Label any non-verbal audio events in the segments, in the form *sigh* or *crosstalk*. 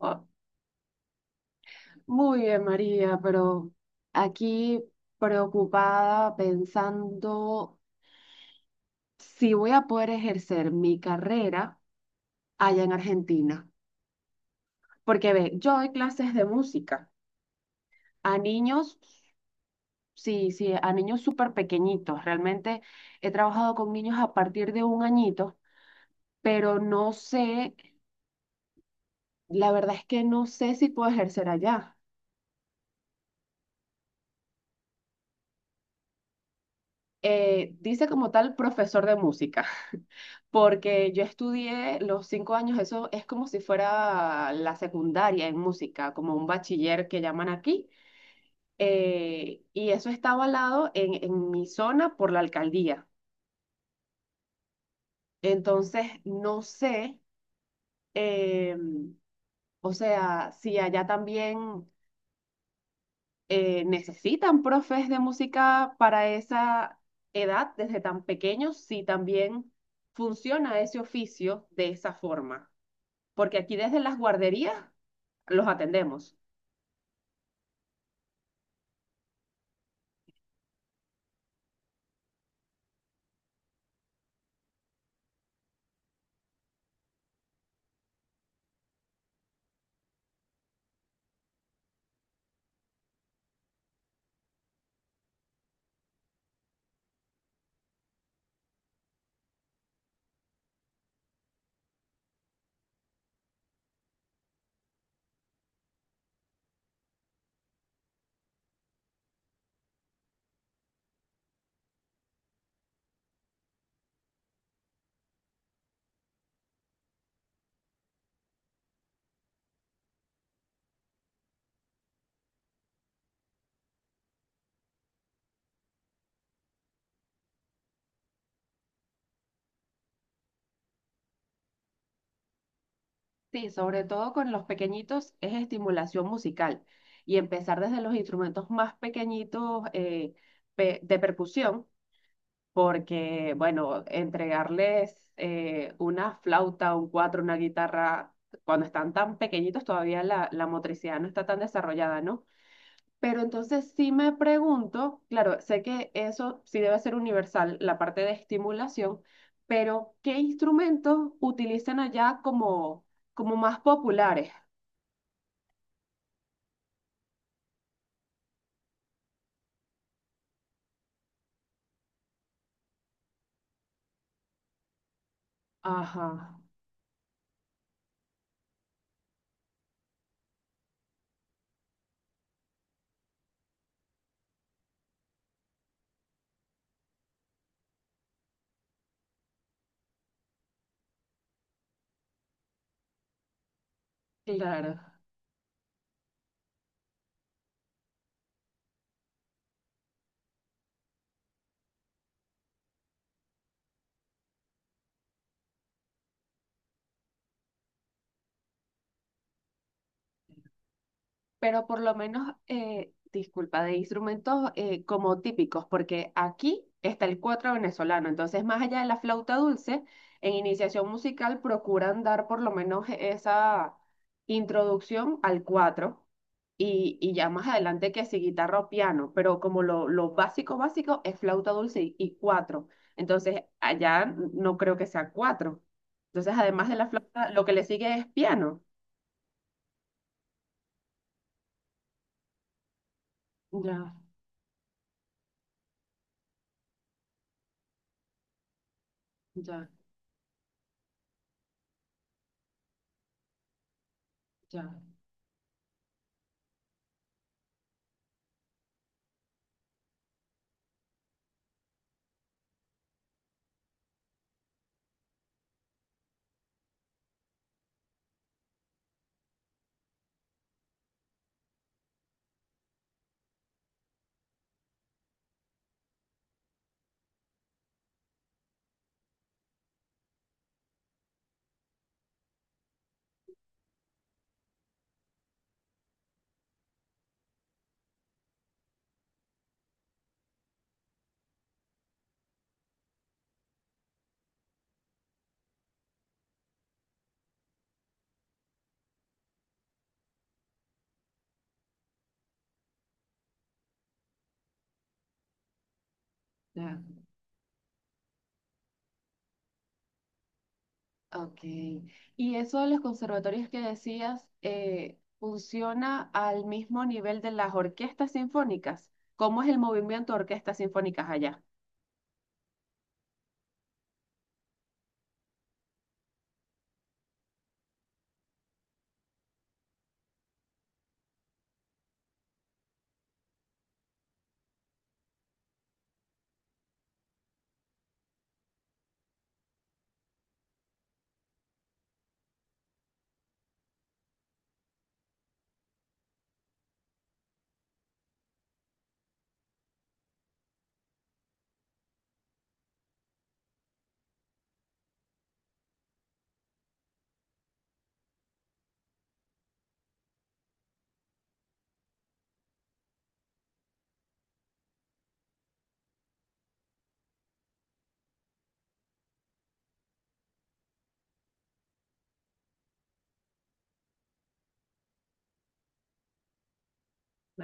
Oh, muy bien, María, pero aquí preocupada pensando si voy a poder ejercer mi carrera allá en Argentina. Porque ve, yo doy clases de música a niños, sí, sí, a niños súper pequeñitos. Realmente he trabajado con niños a partir de un añito, pero no sé, la verdad es que no sé si puedo ejercer allá. Dice como tal profesor de música. Porque yo estudié los 5 años, eso es como si fuera la secundaria en música, como un bachiller que llaman aquí, y eso está avalado en mi zona por la alcaldía. Entonces, no sé, eh, o sea, si allá también necesitan profes de música para esa edad, desde tan pequeños, si también funciona ese oficio de esa forma. Porque aquí desde las guarderías los atendemos. Sí, sobre todo con los pequeñitos es estimulación musical y empezar desde los instrumentos más pequeñitos, de percusión, porque, bueno, entregarles una flauta, un cuatro, una guitarra, cuando están tan pequeñitos todavía la motricidad no está tan desarrollada, ¿no? Pero entonces sí me pregunto, claro, sé que eso sí debe ser universal, la parte de estimulación, pero ¿qué instrumentos utilizan allá como, como más populares? Ajá, claro. Pero por lo menos, disculpa, de instrumentos como típicos, porque aquí está el cuatro venezolano, entonces más allá de la flauta dulce, en iniciación musical procuran dar por lo menos esa introducción al cuatro y ya más adelante que si guitarra o piano, pero como lo básico, básico es flauta dulce y cuatro, entonces allá no creo que sea cuatro. Entonces, además de la flauta, lo que le sigue es piano. Ya, ya, ya, ya. Ok. Y eso de los conservatorios que decías, ¿funciona al mismo nivel de las orquestas sinfónicas? ¿Cómo es el movimiento de orquestas sinfónicas allá?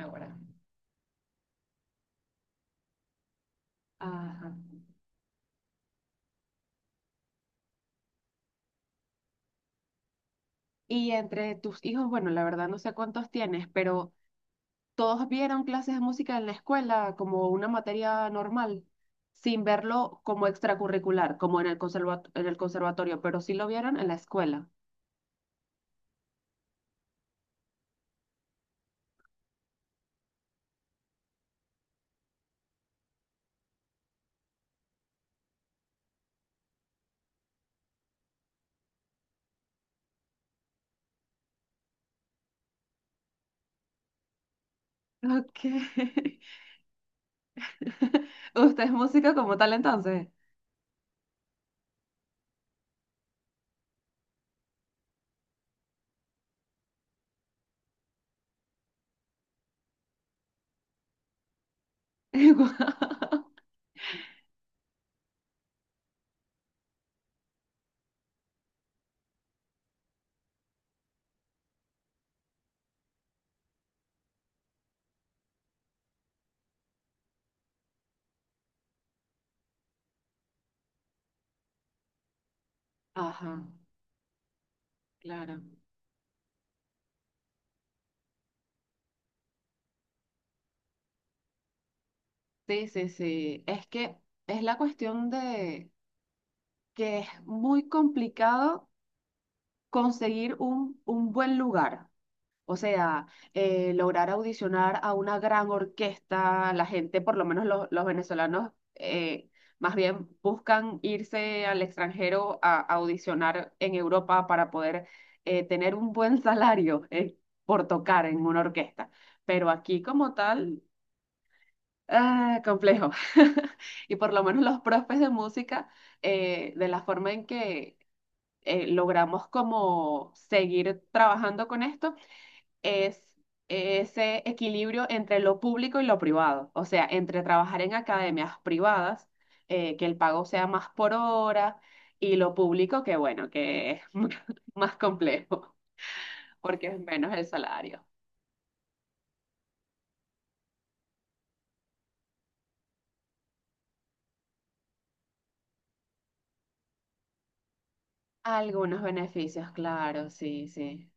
Ahora. Ajá. Y entre tus hijos, bueno, la verdad no sé cuántos tienes, pero todos vieron clases de música en la escuela como una materia normal, sin verlo como extracurricular, como en el en el conservatorio, pero sí lo vieron en la escuela. Ok. *laughs* ¿Usted es músico como tal entonces? *laughs* Guau. Ajá, claro. Sí, sí, sí. Es que es la cuestión de que es muy complicado conseguir un buen lugar. O sea, lograr audicionar a una gran orquesta, la gente, por lo menos los venezolanos, más bien buscan irse al extranjero a audicionar en Europa para poder tener un buen *laughs* salario, por tocar en una orquesta. Pero aquí como tal... Ah, complejo. *laughs* Y por lo menos los profes de música, de la forma en que logramos como seguir trabajando con esto, es ese equilibrio entre lo público y lo privado. O sea, entre trabajar en academias privadas, que el pago sea más por hora, y lo público, que bueno, que es *laughs* más complejo, porque es menos el salario. Algunos beneficios, claro, sí, sí.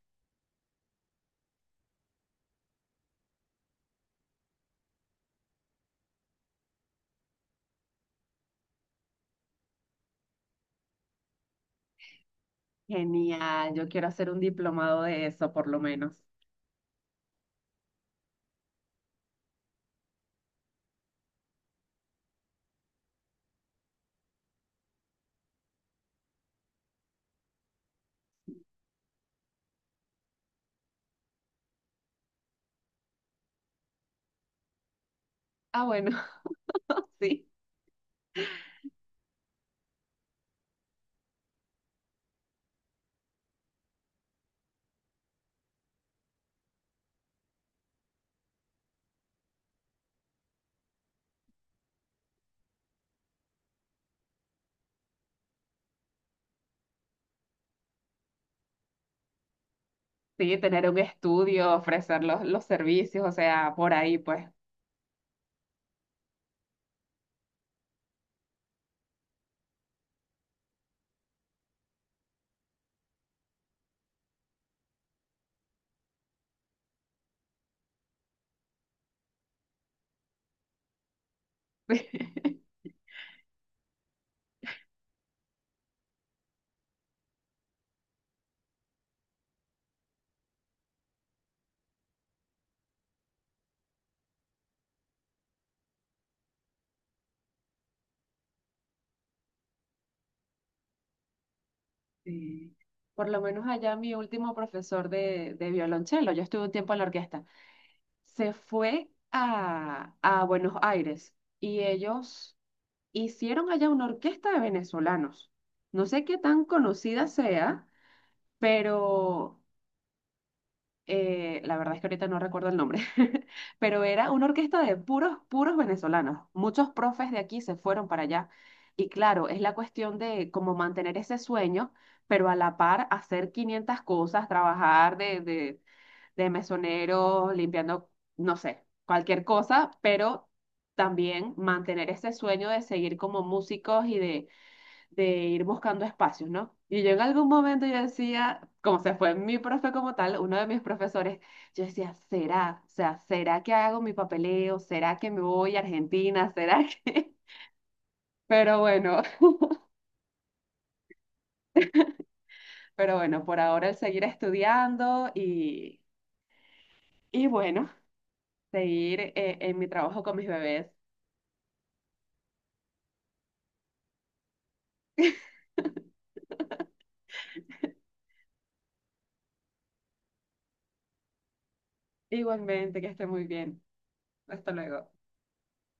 Genial, yo quiero hacer un diplomado de eso, por lo menos. Ah, bueno, *laughs* sí, sí, tener un estudio, ofrecer los servicios, o sea, por ahí, pues. *laughs* Sí. Por lo menos allá mi último profesor de violonchelo, yo estuve un tiempo en la orquesta, se fue a Buenos Aires y ellos hicieron allá una orquesta de venezolanos. No sé qué tan conocida sea, pero la verdad es que ahorita no recuerdo el nombre, *laughs* pero era una orquesta de puros, puros venezolanos. Muchos profes de aquí se fueron para allá. Y claro, es la cuestión de cómo mantener ese sueño, pero a la par hacer 500 cosas, de mesonero, limpiando, no sé, cualquier cosa, pero también mantener ese sueño de seguir como músicos de ir buscando espacios, ¿no? Y yo en algún momento yo decía, como se fue mi profe como tal, uno de mis profesores, yo decía, ¿será? O sea, ¿será que hago mi papeleo? ¿Será que me voy a Argentina? ¿Será que...? *laughs* Pero bueno, pero bueno, por ahora el seguir estudiando y bueno, seguir en mi trabajo con mis bebés. Igualmente, que esté muy bien. Hasta luego.